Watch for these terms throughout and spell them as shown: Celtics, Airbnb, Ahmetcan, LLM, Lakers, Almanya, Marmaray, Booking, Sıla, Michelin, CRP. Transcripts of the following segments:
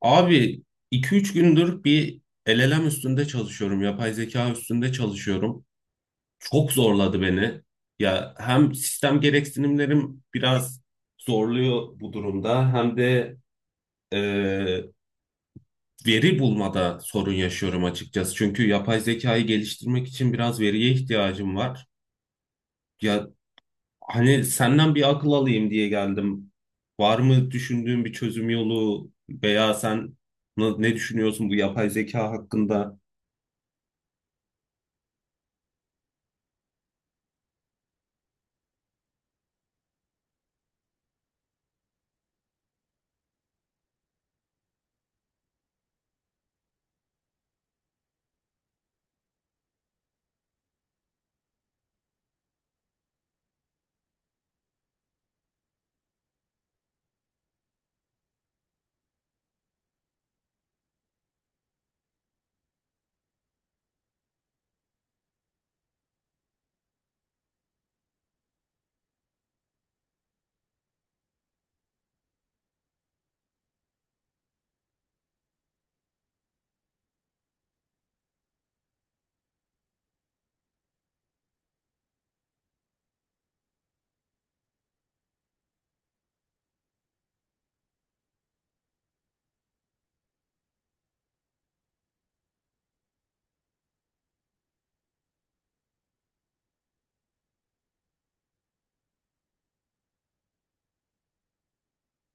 Abi iki üç gündür bir LLM üstünde çalışıyorum. Yapay zeka üstünde çalışıyorum. Çok zorladı beni. Ya hem sistem gereksinimlerim biraz zorluyor bu durumda hem de e, veri bulmada sorun yaşıyorum açıkçası. Çünkü yapay zekayı geliştirmek için biraz veriye ihtiyacım var. Ya hani senden bir akıl alayım diye geldim. Var mı düşündüğün bir çözüm yolu veya sen ne düşünüyorsun bu yapay zeka hakkında?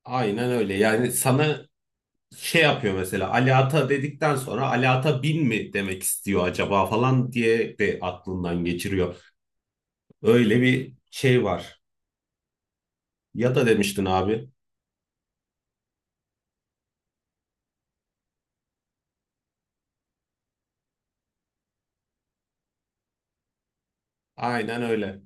Aynen öyle. Yani sana şey yapıyor, mesela Ali Ata dedikten sonra Ali Ata bin mi demek istiyor acaba falan diye de aklından geçiriyor. Öyle bir şey var. Ya da demiştin abi. Aynen öyle.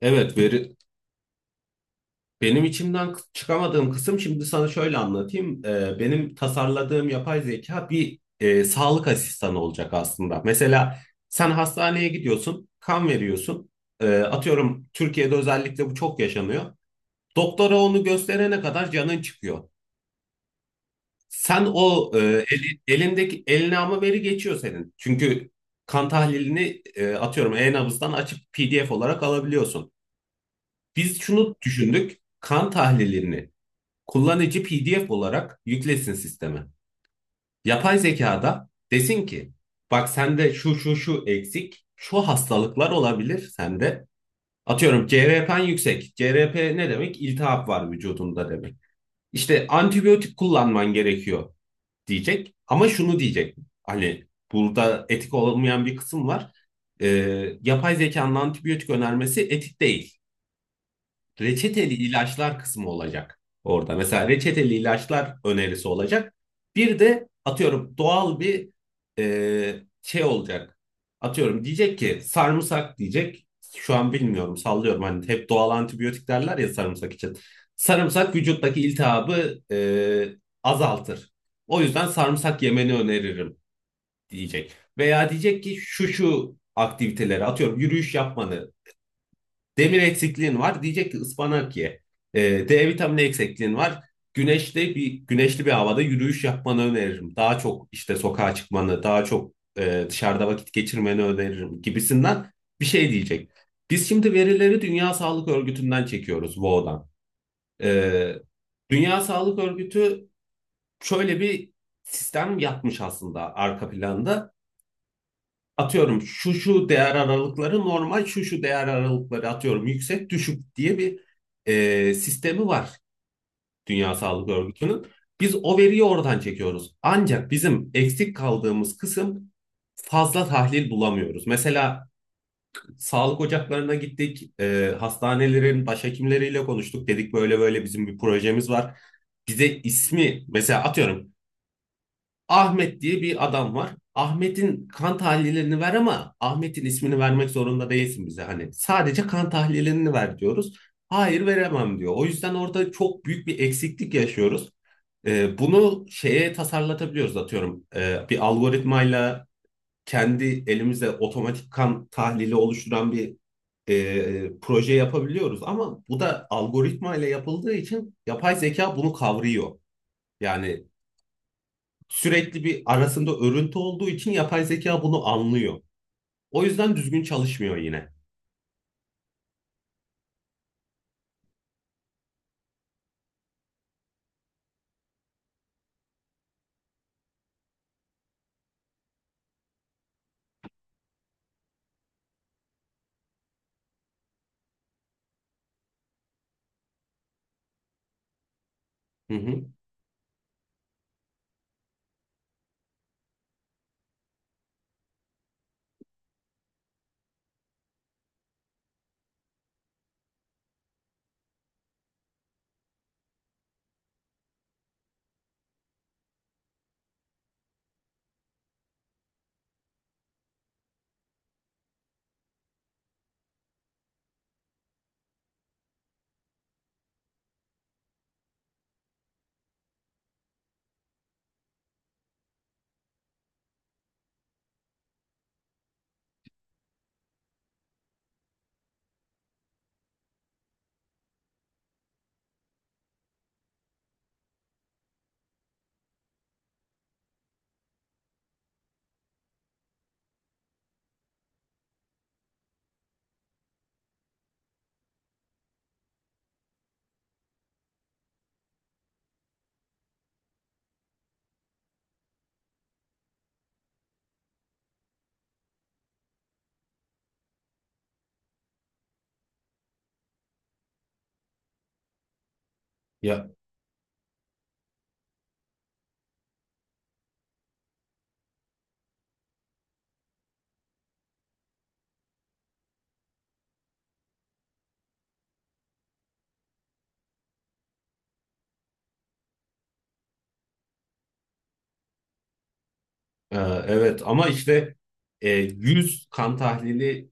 Evet, veri, çıkamadığım kısım, şimdi sana şöyle anlatayım. Benim tasarladığım yapay zeka bir sağlık asistanı olacak aslında. Mesela sen hastaneye gidiyorsun, kan veriyorsun. Atıyorum Türkiye'de özellikle bu çok yaşanıyor. Doktora onu gösterene kadar canın çıkıyor. Sen o elindeki eline ama veri geçiyor senin. Çünkü kan tahlilini atıyorum e-nabızdan açıp PDF olarak alabiliyorsun. Biz şunu düşündük. Kan tahlilini kullanıcı PDF olarak yüklesin sisteme. Yapay zekada desin ki bak sende şu şu şu eksik, şu hastalıklar olabilir sende. Atıyorum CRP'n yüksek. CRP ne demek? İltihap var vücudunda demek. İşte antibiyotik kullanman gerekiyor diyecek. Ama şunu diyecek. Hani burada etik olmayan bir kısım var. Yapay zekanın antibiyotik önermesi etik değil, reçeteli ilaçlar kısmı olacak orada. Mesela reçeteli ilaçlar önerisi olacak. Bir de atıyorum doğal bir şey olacak. Atıyorum diyecek ki sarımsak diyecek. Şu an bilmiyorum, sallıyorum, hani hep doğal antibiyotik derler ya sarımsak için. Sarımsak vücuttaki iltihabı azaltır. O yüzden sarımsak yemeni öneririm diyecek. Veya diyecek ki şu şu aktiviteleri atıyorum yürüyüş yapmanı. Demir eksikliğin var. Diyecek ki ıspanak ye. Ee, D vitamini eksikliğin var. Güneşte bir güneşli bir havada yürüyüş yapmanı öneririm. Daha çok işte sokağa çıkmanı, daha çok dışarıda vakit geçirmeni öneririm gibisinden bir şey diyecek. Biz şimdi verileri Dünya Sağlık Örgütü'nden çekiyoruz, WHO'dan. Ee, Dünya Sağlık Örgütü şöyle bir sistem yapmış aslında arka planda, atıyorum şu şu değer aralıkları normal, şu şu değer aralıkları atıyorum yüksek düşük diye bir sistemi var Dünya Sağlık Örgütü'nün. Biz o veriyi oradan çekiyoruz. Ancak bizim eksik kaldığımız kısım, fazla tahlil bulamıyoruz. Mesela sağlık ocaklarına gittik, hastanelerin başhekimleriyle konuştuk. Dedik böyle böyle bizim bir projemiz var. Bize ismi mesela atıyorum Ahmet diye bir adam var. Ahmet'in kan tahlillerini ver ama Ahmet'in ismini vermek zorunda değilsin bize. Hani sadece kan tahlillerini ver diyoruz. Hayır veremem diyor. O yüzden orada çok büyük bir eksiklik yaşıyoruz. Bunu şeye tasarlatabiliyoruz atıyorum. Bir algoritmayla kendi elimizle otomatik kan tahlili oluşturan bir proje yapabiliyoruz. Ama bu da algoritmayla yapıldığı için yapay zeka bunu kavrıyor. Yani sürekli bir arasında örüntü olduğu için yapay zeka bunu anlıyor. O yüzden düzgün çalışmıyor yine. Hı hı. Ya e, evet ama işte 100 kan tahlili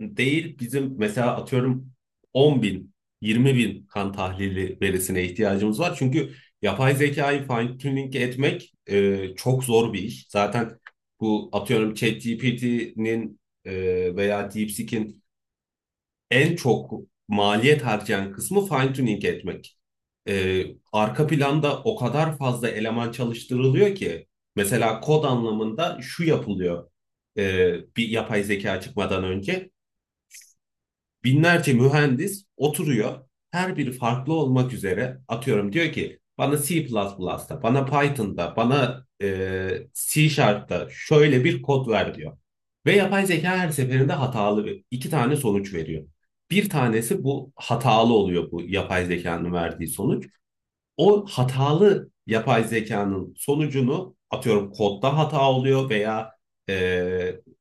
değil bizim, mesela atıyorum 10 bin 20 bin kan tahlili verisine ihtiyacımız var. Çünkü yapay zekayı fine tuning etmek çok zor bir iş. Zaten bu atıyorum ChatGPT'nin e, veya DeepSeek'in en çok maliyet harcayan kısmı fine tuning etmek. E, Arka planda o kadar fazla eleman çalıştırılıyor ki mesela kod anlamında şu yapılıyor bir yapay zeka çıkmadan önce. Binlerce mühendis oturuyor. Her biri farklı olmak üzere atıyorum diyor ki bana C++'da, bana Python'da, bana C Sharp'ta şöyle bir kod ver diyor. Ve yapay zeka her seferinde hatalı iki tane sonuç veriyor. Bir tanesi bu hatalı oluyor, bu yapay zekanın verdiği sonuç, o hatalı yapay zekanın sonucunu atıyorum kodda hata oluyor veya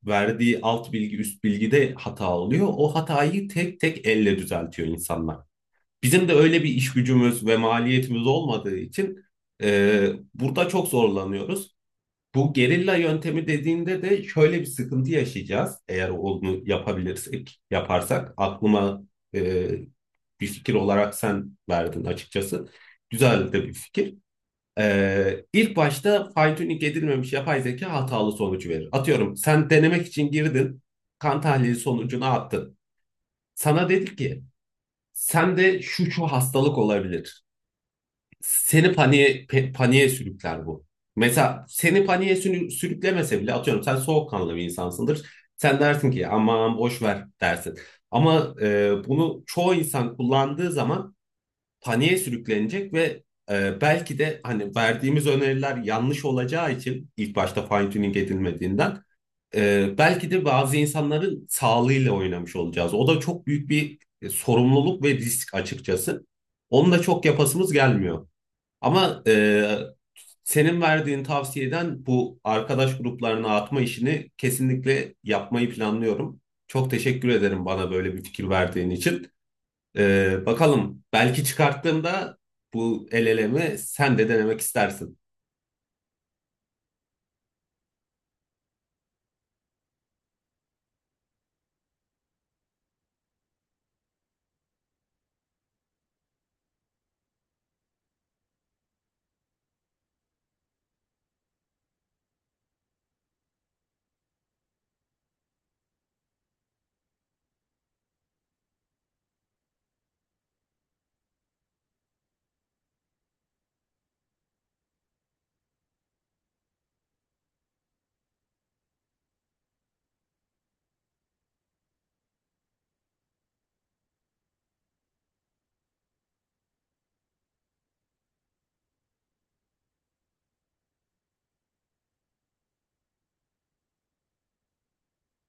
verdiği alt bilgi üst bilgide hata oluyor. O hatayı tek tek elle düzeltiyor insanlar. Bizim de öyle bir iş gücümüz ve maliyetimiz olmadığı için e, burada çok zorlanıyoruz. Bu gerilla yöntemi dediğinde de şöyle bir sıkıntı yaşayacağız. Eğer onu yapabilirsek, yaparsak, aklıma e, bir fikir olarak sen verdin açıkçası. Güzel de bir fikir. İlk başta fine-tuning edilmemiş yapay zeka hatalı sonucu verir. Atıyorum sen denemek için girdin, kan tahlili sonucunu attın. Sana dedi ki sende şu şu hastalık olabilir, paniğe sürükler bu. Mesela sürüklemese bile atıyorum sen soğukkanlı bir insansındır. Sen dersin ki aman boş ver dersin. Ama bunu çoğu insan kullandığı zaman paniğe sürüklenecek ve belki de hani verdiğimiz öneriler yanlış olacağı için ilk başta fine tuning edilmediğinden belki de bazı insanların sağlığıyla oynamış olacağız. O da çok büyük bir sorumluluk ve risk açıkçası. Onu da çok yapasımız gelmiyor. Ama senin verdiğin tavsiyeden bu arkadaş gruplarına atma işini kesinlikle yapmayı planlıyorum. Çok teşekkür ederim bana böyle bir fikir verdiğin için. E, bakalım, belki çıkarttığımda bu el elemi sen de denemek istersin.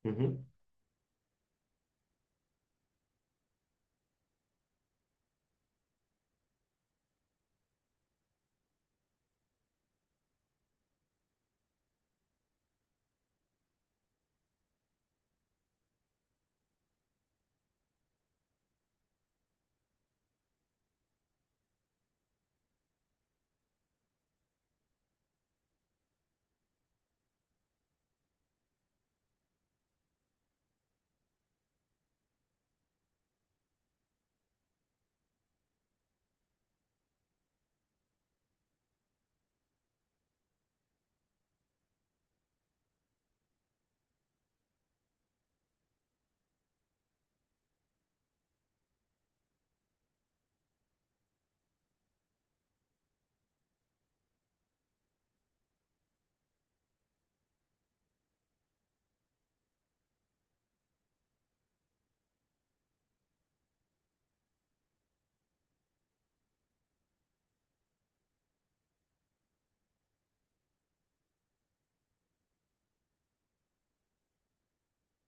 Hı hı.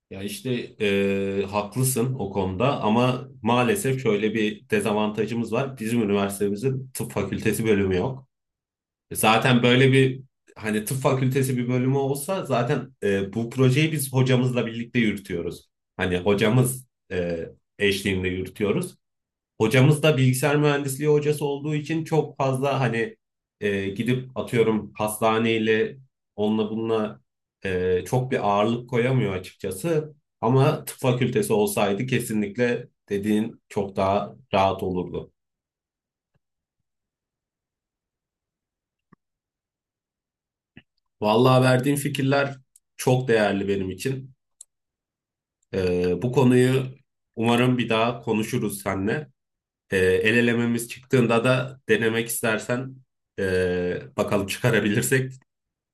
Ya işte haklısın o konuda ama maalesef şöyle bir dezavantajımız var. Bizim üniversitemizin tıp fakültesi bölümü yok. E, zaten böyle bir, hani tıp fakültesi bir bölümü olsa zaten, bu projeyi biz hocamızla birlikte yürütüyoruz. Hani hocamız eşliğinde yürütüyoruz. Hocamız da bilgisayar mühendisliği hocası olduğu için çok fazla hani gidip atıyorum hastaneyle onunla bununla çok bir ağırlık koyamıyor açıkçası. Ama tıp fakültesi olsaydı kesinlikle dediğin çok daha rahat olurdu. Vallahi verdiğin fikirler çok değerli benim için. Bu konuyu umarım bir daha konuşuruz seninle. El elememiz çıktığında da denemek istersen, bakalım çıkarabilirsek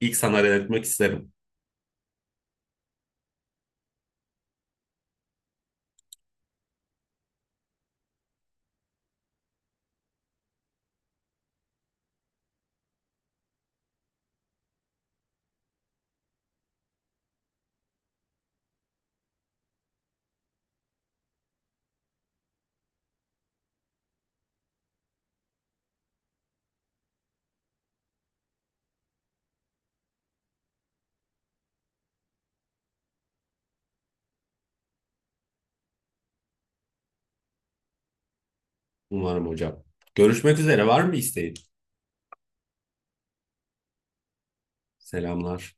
ilk sana denetmek isterim, umarım hocam. Görüşmek üzere, var mı isteğin? Selamlar.